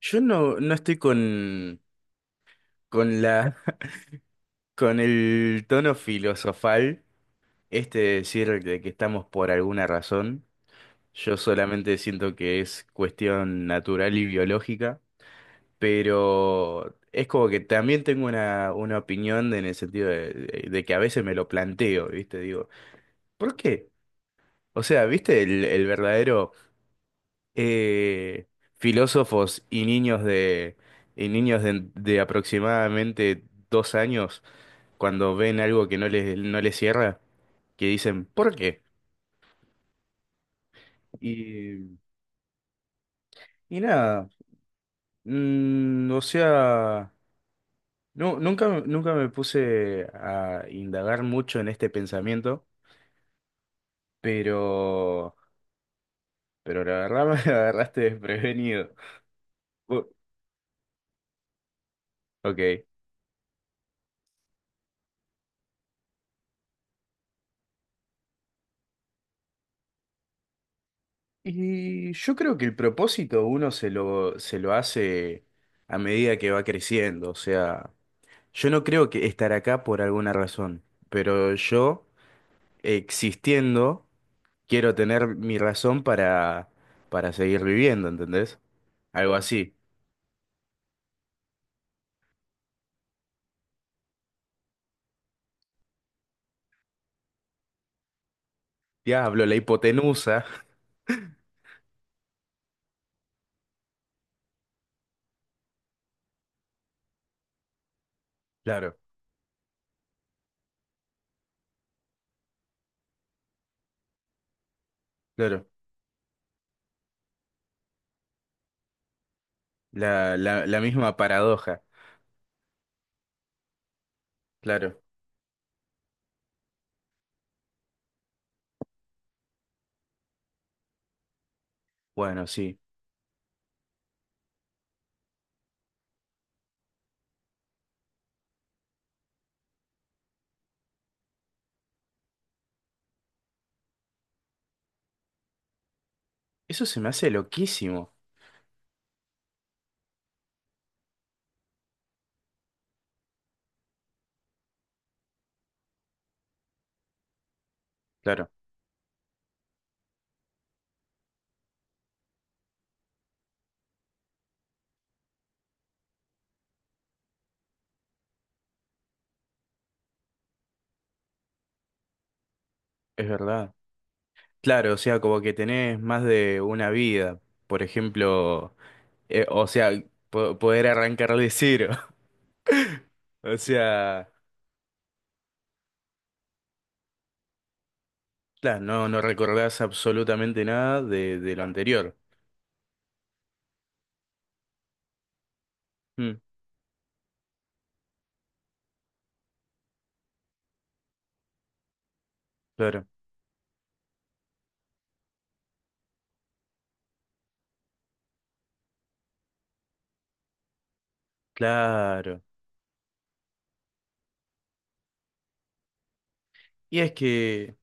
Yo no estoy con la, con el tono filosofal, este de decir de que estamos por alguna razón. Yo solamente siento que es cuestión natural y biológica, pero es como que también tengo una opinión en el sentido de que a veces me lo planteo, ¿viste? Digo, ¿por qué? O sea, ¿viste el verdadero eh, filósofos y niños y niños de aproximadamente dos años, cuando ven algo que no les cierra, que dicen, ¿por qué? Y, y nada, o sea, no, nunca me puse a indagar mucho en este pensamiento, pero, pero la verdad me agarraste desprevenido. Bu- Ok. Y yo creo que el propósito uno se lo hace a medida que va creciendo, o sea, yo no creo que estar acá por alguna razón, pero yo... existiendo, quiero tener mi razón para seguir viviendo, ¿entendés? Algo así. Diablo, la hipotenusa. Claro, claro. La misma paradoja. Claro. Bueno, sí. Eso se me hace loquísimo. Claro, es verdad. Claro, o sea, como que tenés más de una vida. Por ejemplo, o sea, poder arrancar de cero. O sea, claro, no, no recordás absolutamente nada de lo anterior. Mm, claro. Claro. Y es que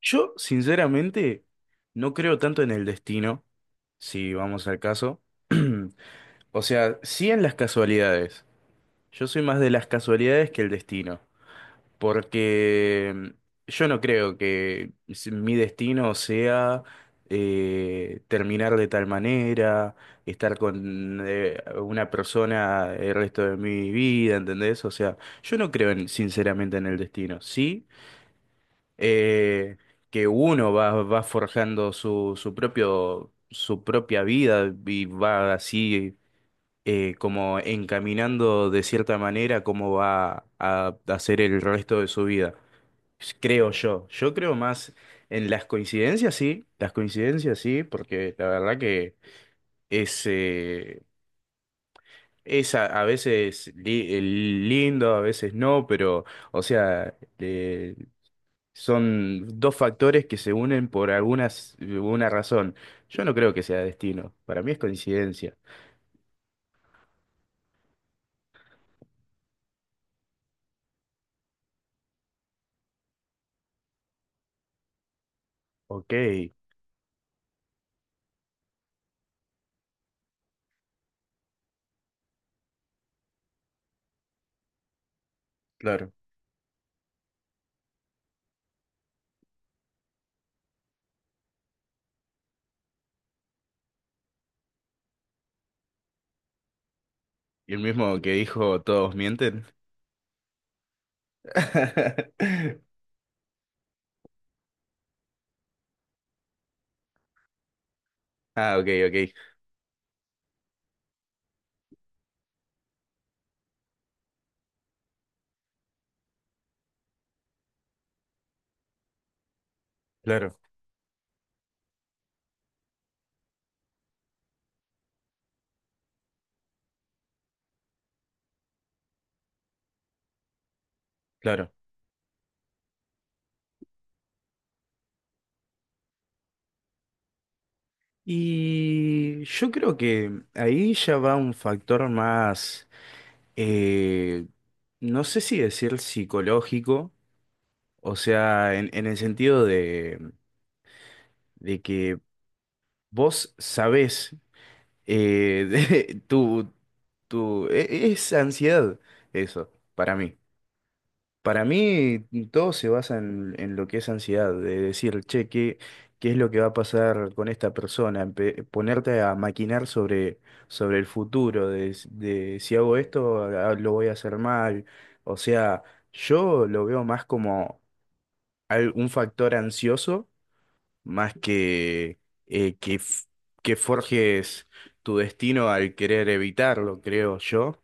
yo, sinceramente, no creo tanto en el destino, si vamos al caso. O sea, sí en las casualidades. Yo soy más de las casualidades que el destino. Porque yo no creo que mi destino sea terminar de tal manera, estar con una persona el resto de mi vida, ¿entendés? O sea, yo no creo sinceramente en el destino. Sí. Eh, que uno va forjando su propio, su propia vida y va así como encaminando de cierta manera cómo va a hacer el resto de su vida. Creo yo. Yo creo más en las coincidencias, sí. Las coincidencias, sí, porque la verdad que es, eh, es a veces lindo, a veces no, pero, o sea, son dos factores que se unen por una razón. Yo no creo que sea destino. Para mí es coincidencia. Ok, claro. ¿Y el mismo que dijo todos mienten? Ah, ok, ok. Claro, claro. Y yo creo que ahí ya va un factor más, eh, no sé si decir psicológico, o sea, en el sentido de que vos sabés. Eh, de- tu, tu, es ansiedad eso, para mí. Para mí todo se basa en lo que es ansiedad, de decir, che, ¿qué es lo que va a pasar con esta persona? Ponerte a maquinar sobre el futuro, de si hago esto, ah, lo voy a hacer mal. O sea, yo lo veo más como un factor ansioso más que eh, que, f- que forjes tu destino al querer evitarlo, creo yo.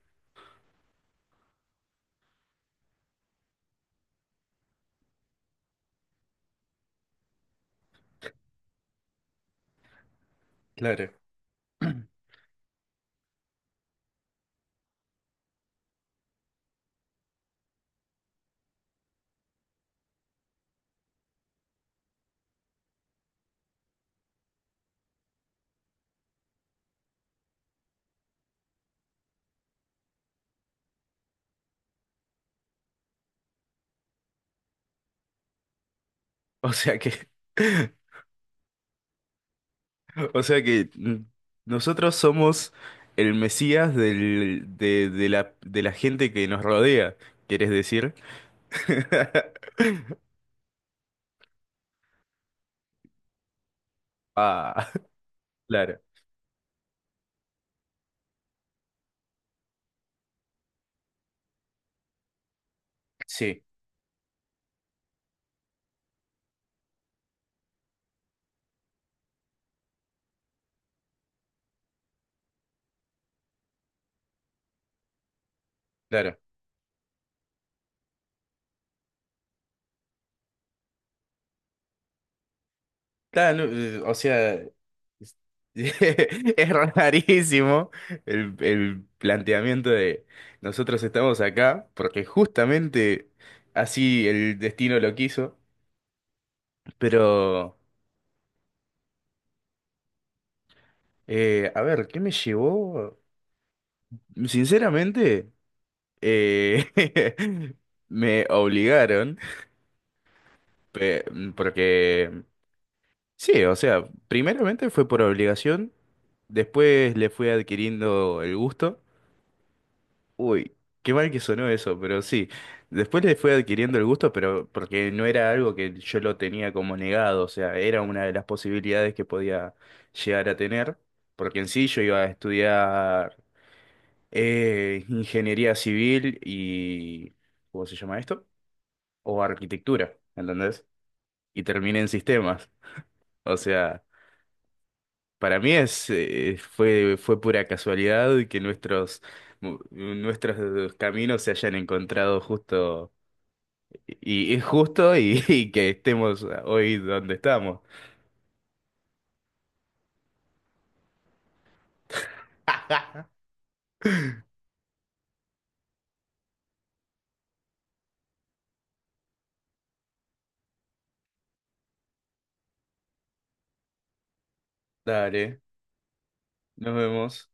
Claro. O sea que, o sea que nosotros somos el Mesías de de la gente que nos rodea, ¿quieres decir? Ah, claro. Sí, claro. Claro, no, o sea, es es rarísimo el planteamiento de nosotros estamos acá porque justamente así el destino lo quiso, pero a ver, ¿qué me llevó? Sinceramente, eh, me obligaron, porque sí, o sea, primeramente fue por obligación, después le fui adquiriendo el gusto. Uy, qué mal que sonó eso, pero sí. Después le fue adquiriendo el gusto, pero porque no era algo que yo lo tenía como negado, o sea, era una de las posibilidades que podía llegar a tener, porque en sí yo iba a estudiar ingeniería civil y, ¿cómo se llama esto? O arquitectura, ¿entendés? Y terminé en sistemas. O sea, para mí fue pura casualidad que nuestros caminos se hayan encontrado justo, y que estemos hoy donde estamos. Dale, nos vemos.